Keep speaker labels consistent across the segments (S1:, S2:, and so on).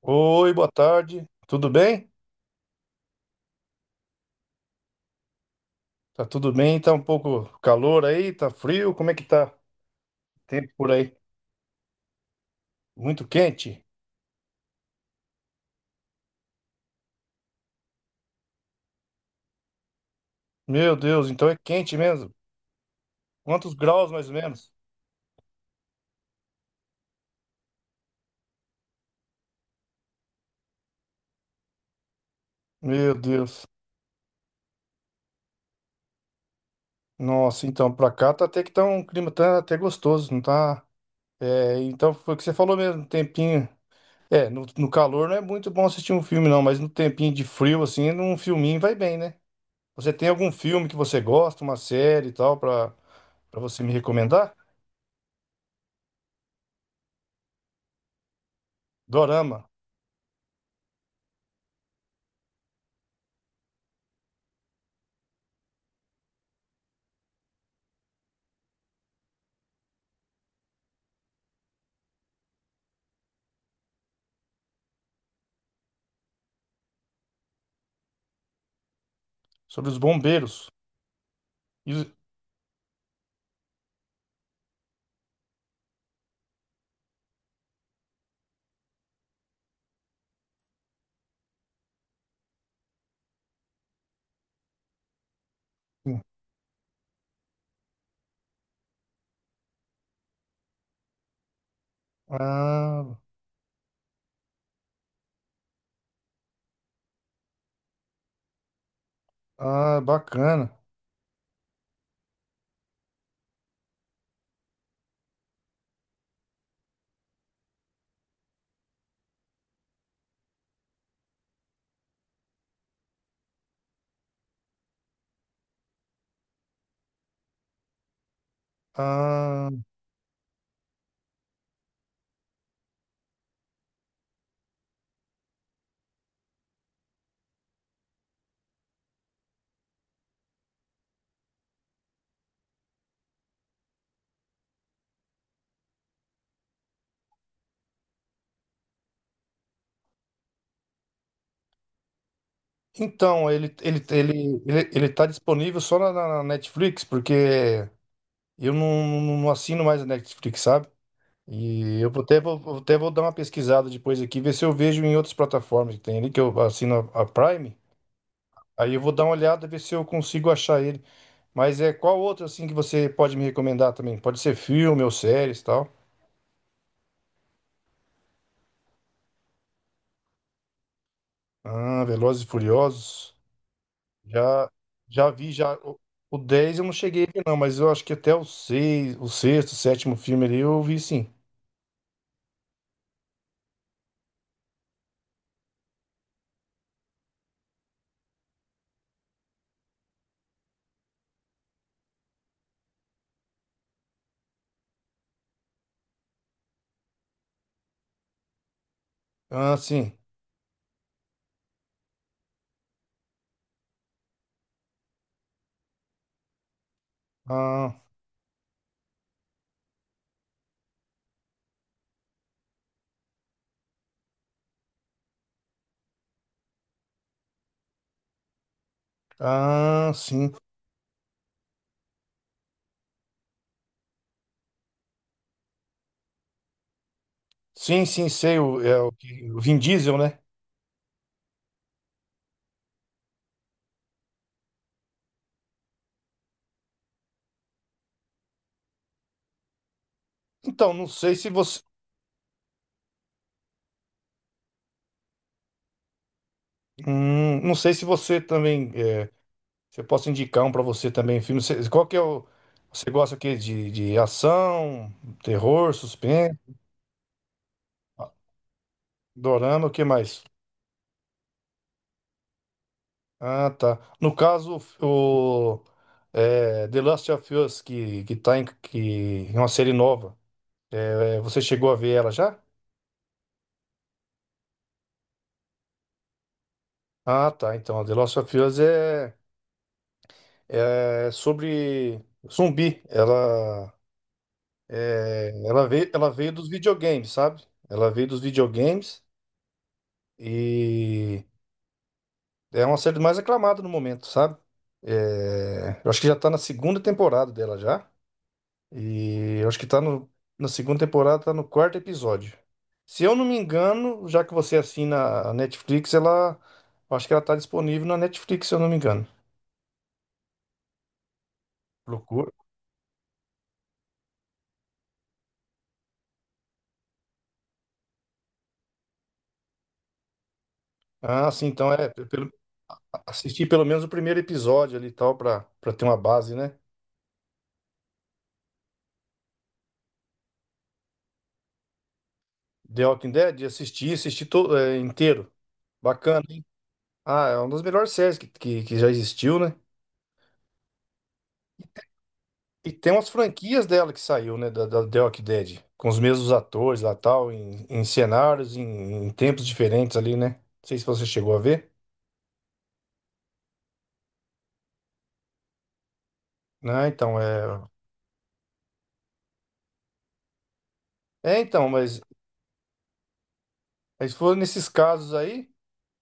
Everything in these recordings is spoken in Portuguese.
S1: Oi, boa tarde. Tudo bem? Tá tudo bem? Tá um pouco calor aí? Tá frio? Como é que tá o tempo por aí? Muito quente? Meu Deus, então é quente mesmo. Quantos graus mais ou menos? Meu Deus. Nossa, então pra cá tá até que tá um clima tá até gostoso, não tá? É, então foi o que você falou mesmo, um tempinho. É, no calor não é muito bom assistir um filme não, mas no tempinho de frio assim, num filminho vai bem, né? Você tem algum filme que você gosta, uma série e tal pra para você me recomendar? Dorama. Sobre os bombeiros. E os- Ah, ah, bacana. Ah, então, ele tá disponível só na Netflix, porque eu não assino mais a Netflix, sabe? E eu vou dar uma pesquisada depois aqui, ver se eu vejo em outras plataformas que tem ali, que eu assino a Prime. Aí eu vou dar uma olhada, ver se eu consigo achar ele. Mas é qual outro, assim, que você pode me recomendar também? Pode ser filme ou séries e tal. Ah, Velozes e Furiosos. Já, já vi, já. O 10 eu não cheguei a ver, não, mas eu acho que até o 6 o sexto, sétimo filme ali eu vi sim. Ah, sim. Ah, ah, sim. Sim, sim, sei o o Vin Diesel, né? Então, não sei se você. Não sei se você também. É, se eu posso indicar um pra você também, filme. Qual que é o. Você gosta de ação, terror, suspense, ah, dorama, o que mais? Ah, tá. No caso, The Last of Us, que tá em que, é uma série nova, você chegou a ver ela já? Ah, tá. Então, The Last of Us é sobre zumbi. Ela veio dos videogames, sabe? Ela veio dos videogames e é uma série mais aclamada no momento, sabe? É, eu acho que já tá na segunda temporada dela já. E eu acho que tá no, na segunda temporada, tá no quarto episódio. Se eu não me engano, já que você assina a Netflix, ela. Eu acho que ela tá disponível na Netflix, se eu não me engano. Procura. Ah, sim, então é. Assistir pelo menos o primeiro episódio ali e tal, pra ter uma base, né? The Walking Dead, assisti inteiro. Bacana, hein? Ah, é uma das melhores séries que já existiu, né? E tem umas franquias dela que saiu, né? Da The Walking Dead. Com os mesmos atores lá tal, em cenários, em tempos diferentes ali, né? Não sei se você chegou a ver. Ah, então, é. É, então, mas se for nesses casos aí,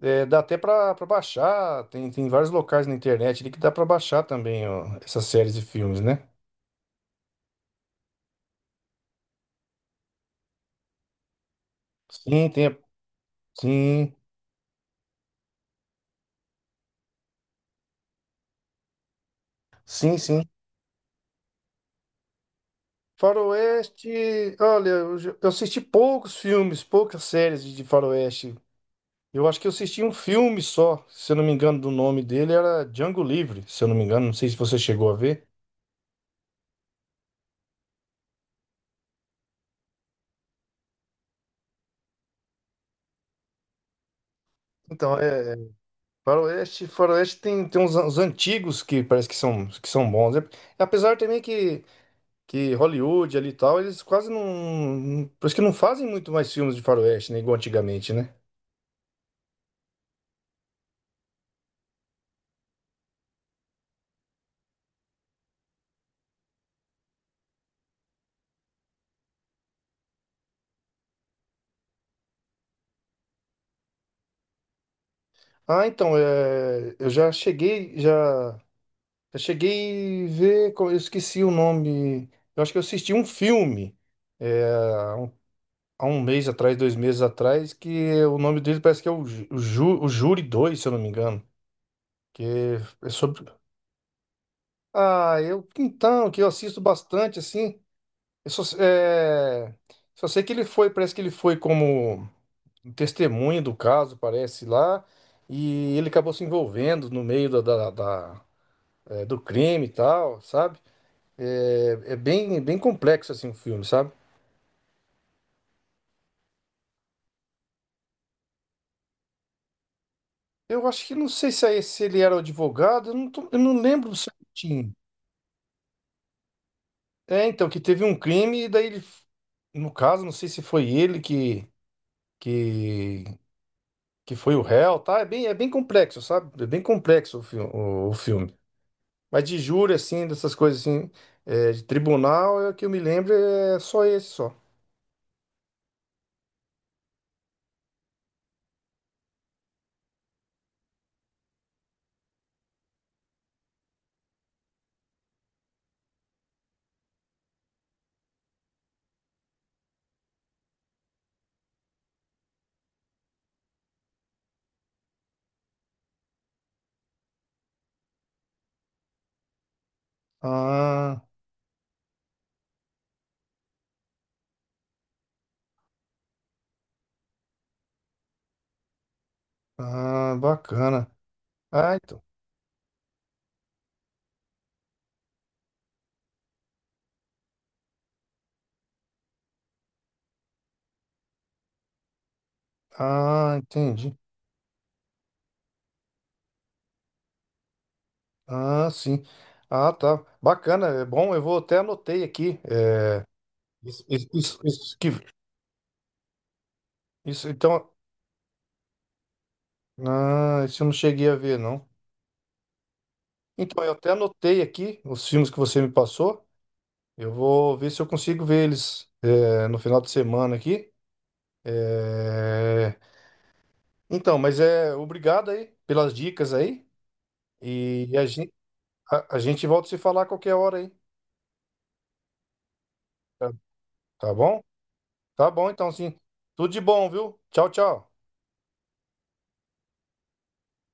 S1: dá até pra baixar. Tem vários locais na internet ali que dá pra baixar também, ó, essas séries e filmes, né? Sim, tem. Sim, sim, sim. Faroeste, olha, eu assisti poucos filmes, poucas séries de Faroeste. Eu acho que eu assisti um filme só, se eu não me engano, do nome dele era Django Livre, se eu não me engano, não sei se você chegou a ver. Então, Faroeste tem uns antigos que parece que são bons. É, apesar também que Hollywood ali e tal, eles quase não, parece que não fazem muito mais filmes de Faroeste, né, igual antigamente, né? Ah, então, eu já cheguei a ver, eu esqueci o nome. Eu acho que eu assisti um filme. Há um mês atrás, 2 meses atrás, que o nome dele parece que é o Júri 2 se eu não me engano. Que é sobre. Ah, eu. Então, que eu assisto bastante, assim. Eu só sei que ele foi, parece que ele foi como testemunha do caso, parece lá. E ele acabou se envolvendo no meio do crime e tal, sabe? É, é bem, bem complexo, assim, o filme, sabe? Eu acho que não sei se, é esse, se ele era o advogado, eu não, eu não lembro certinho. É, então, que teve um crime e daí ele, no caso, não sei se foi ele que, que foi o réu, tá? É bem complexo, sabe? É bem complexo o filme. Mas de júri, assim, dessas coisas assim, de tribunal, é o que eu me lembro é só esse, só. Ah, ah, bacana. Ah, então. Ah, entendi. Ah, sim. Ah, tá. Bacana, é bom. Eu vou até anotei aqui. Isso, isso, isso, isso isso, então. Ah, isso eu não cheguei a ver, não. Então, eu até anotei aqui os filmes que você me passou. Eu vou ver se eu consigo ver eles no final de semana aqui. É, então, mas é obrigado aí pelas dicas aí. E a gente volta a se falar a qualquer hora aí. Tá, tá bom? Tá bom, então sim. Tudo de bom, viu? Tchau, tchau.